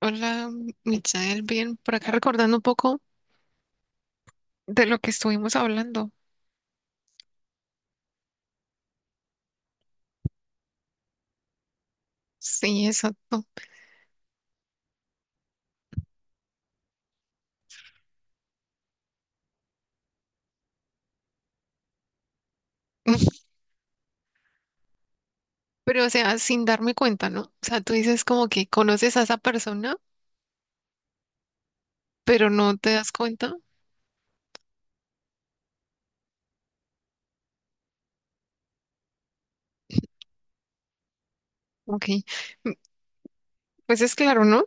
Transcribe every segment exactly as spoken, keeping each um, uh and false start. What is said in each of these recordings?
Hola, Michael, bien, por acá recordando un poco de lo que estuvimos hablando. Sí, exacto. Pero, o sea, sin darme cuenta, ¿no? O sea, tú dices como que conoces a esa persona, pero no te das cuenta. Ok. Mm, Pues es claro, ¿no?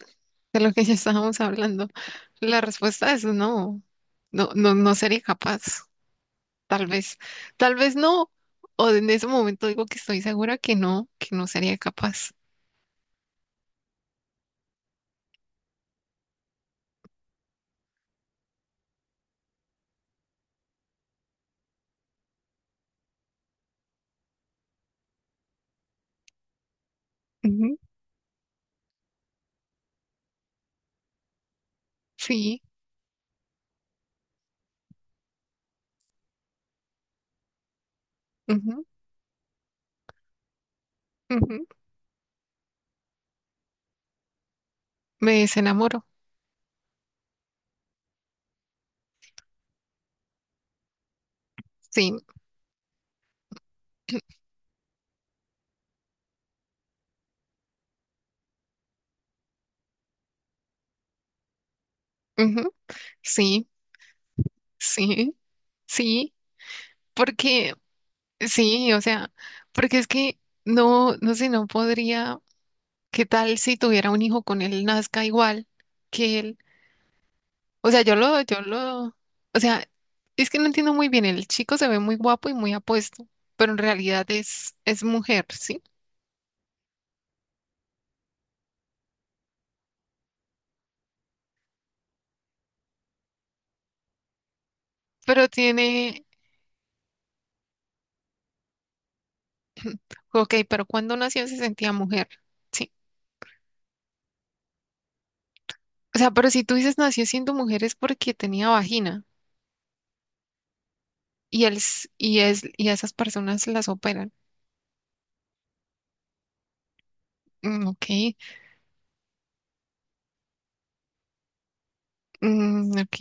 De lo que ya estábamos hablando. La respuesta es no. No, no, no sería capaz. Tal vez. Tal vez no. O en ese momento digo que estoy segura que no, que no sería capaz. Ujú, sí. Ujú, ujú. Me desenamoro. Sí, ujú, sí, sí, sí, porque sí, o sea, porque es que no, no sé, no podría, ¿qué tal si tuviera un hijo con él nazca igual que él? O sea, yo lo, yo lo, o sea, es que no entiendo muy bien, el chico se ve muy guapo y muy apuesto, pero en realidad es, es mujer, ¿sí? Pero tiene, ok, pero cuando nació se sentía mujer, ¿sí? O sea, pero si tú dices nació siendo mujer es porque tenía vagina. Y, el, s- y, es, y a esas personas las operan. Mm, ok. Mm, ok.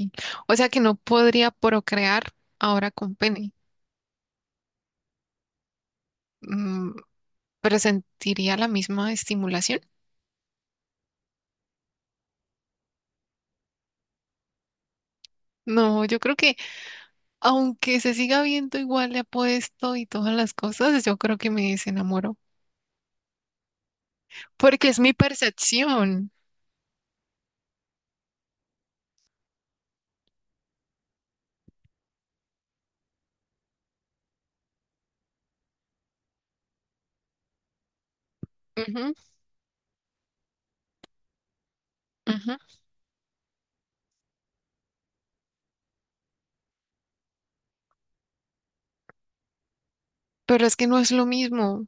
O sea que no podría procrear ahora con pene. Mm, pero sentiría la misma estimulación. No, yo creo que aunque se siga viendo igual de apuesto y todas las cosas, yo creo que me desenamoro, porque es mi percepción. Ujú, ujú. Pero es que no es lo mismo,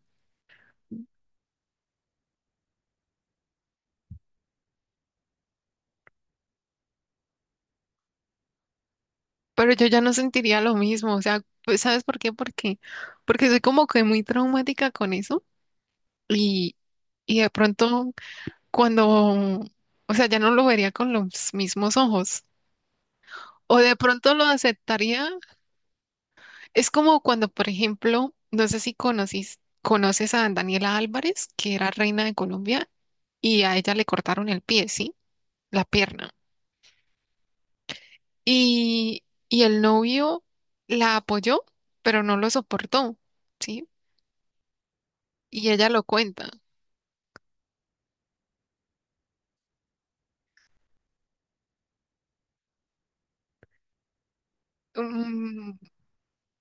pero yo ya no sentiría lo mismo, o sea, pues, ¿sabes por qué? Porque, porque soy como que muy traumática con eso. Y, y de pronto cuando, o sea, ya no lo vería con los mismos ojos. O de pronto lo aceptaría. Es como cuando, por ejemplo, no sé si conocís- conoces a Daniela Álvarez, que era reina de Colombia, y a ella le cortaron el pie, ¿sí? La pierna. Y, y el novio la apoyó, pero no lo soportó, ¿sí? Y ella lo cuenta. Mm,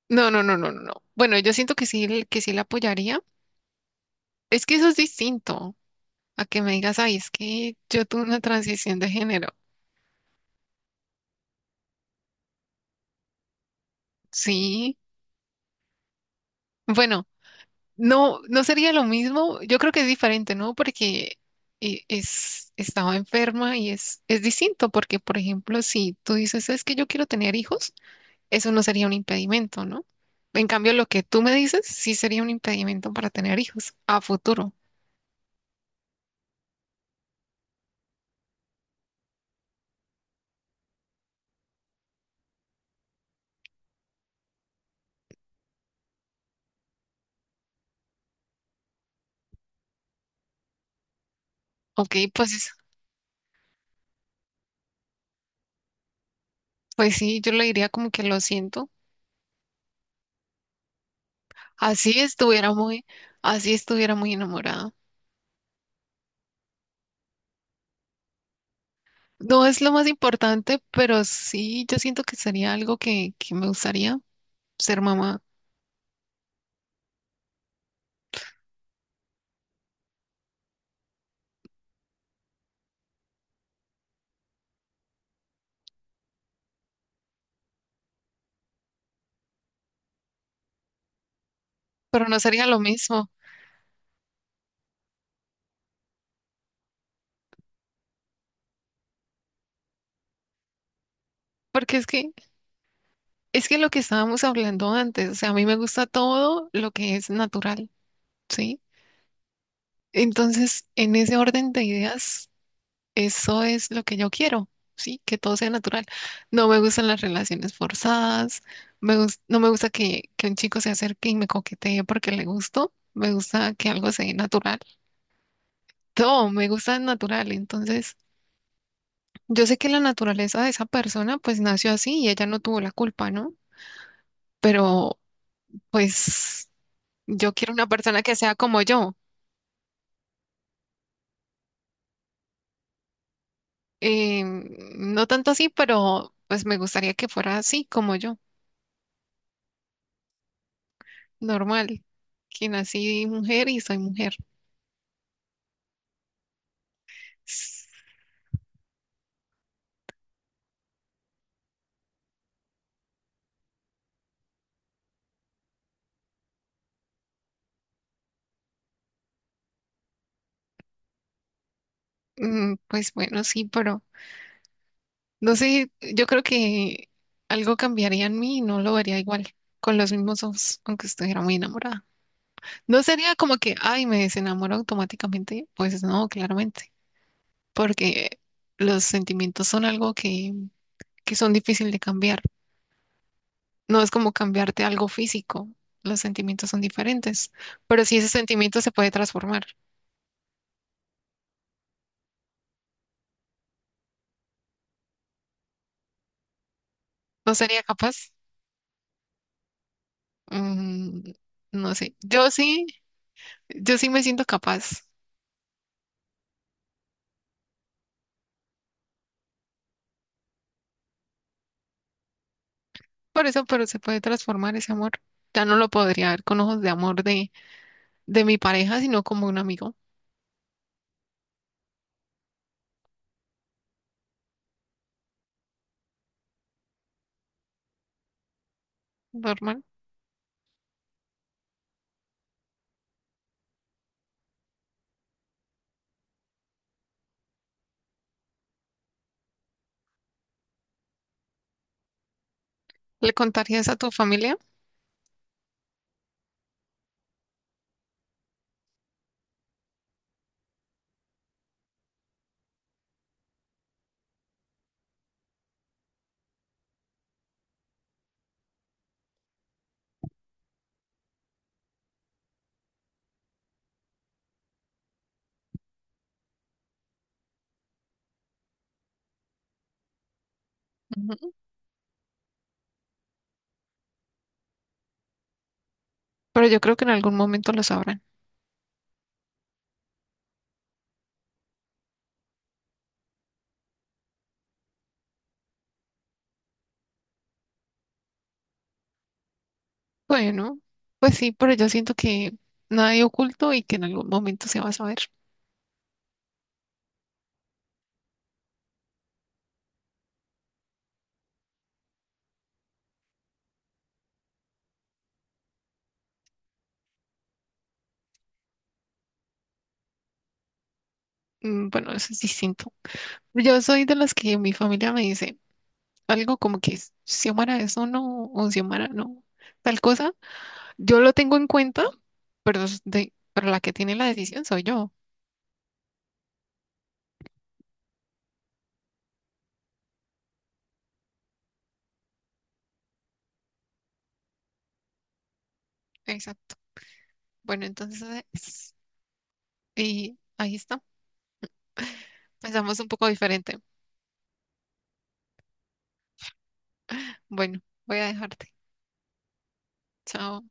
no, no, no, no, no. No. Bueno, yo siento que sí, que sí la apoyaría. Es que eso es distinto a que me digas, ay, es que yo tuve una transición de género. Sí. Bueno, no, no sería lo mismo. Yo creo que es diferente, ¿no? Porque eh, es, estaba enferma y es, es distinto. Porque, por ejemplo, si tú dices, es que yo quiero tener hijos, eso no sería un impedimento, ¿no? En cambio, lo que tú me dices sí sería un impedimento para tener hijos a futuro. Ok, pues, pues sí, yo le diría como que lo siento. Así estuviera muy, así estuviera muy enamorada. No es lo más importante, pero sí, yo siento que sería algo que, que me gustaría ser mamá, pero no sería lo mismo, porque es que es que lo que estábamos hablando antes, o sea, a mí me gusta todo lo que es natural, ¿sí? Entonces, en ese orden de ideas, eso es lo que yo quiero, ¿sí? Que todo sea natural. No me gustan las relaciones forzadas, me gus- no me gusta que, que un chico se acerque y me coquetee porque le gusto, me gusta que algo sea natural. Todo, me gusta el natural. Entonces, yo sé que la naturaleza de esa persona pues nació así y ella no tuvo la culpa, ¿no? Pero pues yo quiero una persona que sea como yo. Eh, no tanto así, pero pues me gustaría que fuera así como yo, normal, que nací mujer y soy mujer. S- mm, Pues bueno, sí, pero no sé, yo creo que algo cambiaría en mí y no lo vería igual, con los mismos ojos, aunque estuviera muy enamorada. No sería como que, ay, me desenamoro automáticamente. Pues no, claramente, porque los sentimientos son algo que, que son difícil de cambiar. No es como cambiarte algo físico. Los sentimientos son diferentes, pero si ese sentimiento se puede transformar, ¿no sería capaz? Mm, no sé. Yo sí, yo sí me siento capaz. Por eso, pero se puede transformar ese amor. Ya no lo podría ver con ojos de amor de, de mi pareja, sino como un amigo normal. ¿Le contarías a tu familia? Pero yo creo que en algún momento lo sabrán. Bueno, pues sí, pero yo siento que nada hay oculto y que en algún momento se va a saber. Mm, Bueno, eso es distinto. Yo soy de las que mi familia me dice algo como que Xiomara eso no, o Xiomara no, tal cosa. Yo lo tengo en cuenta, pero, es de, pero la que tiene la decisión soy yo. Exacto. Bueno, entonces, y ahí está. Pensamos un poco diferente. Bueno, voy a dejarte. Chao.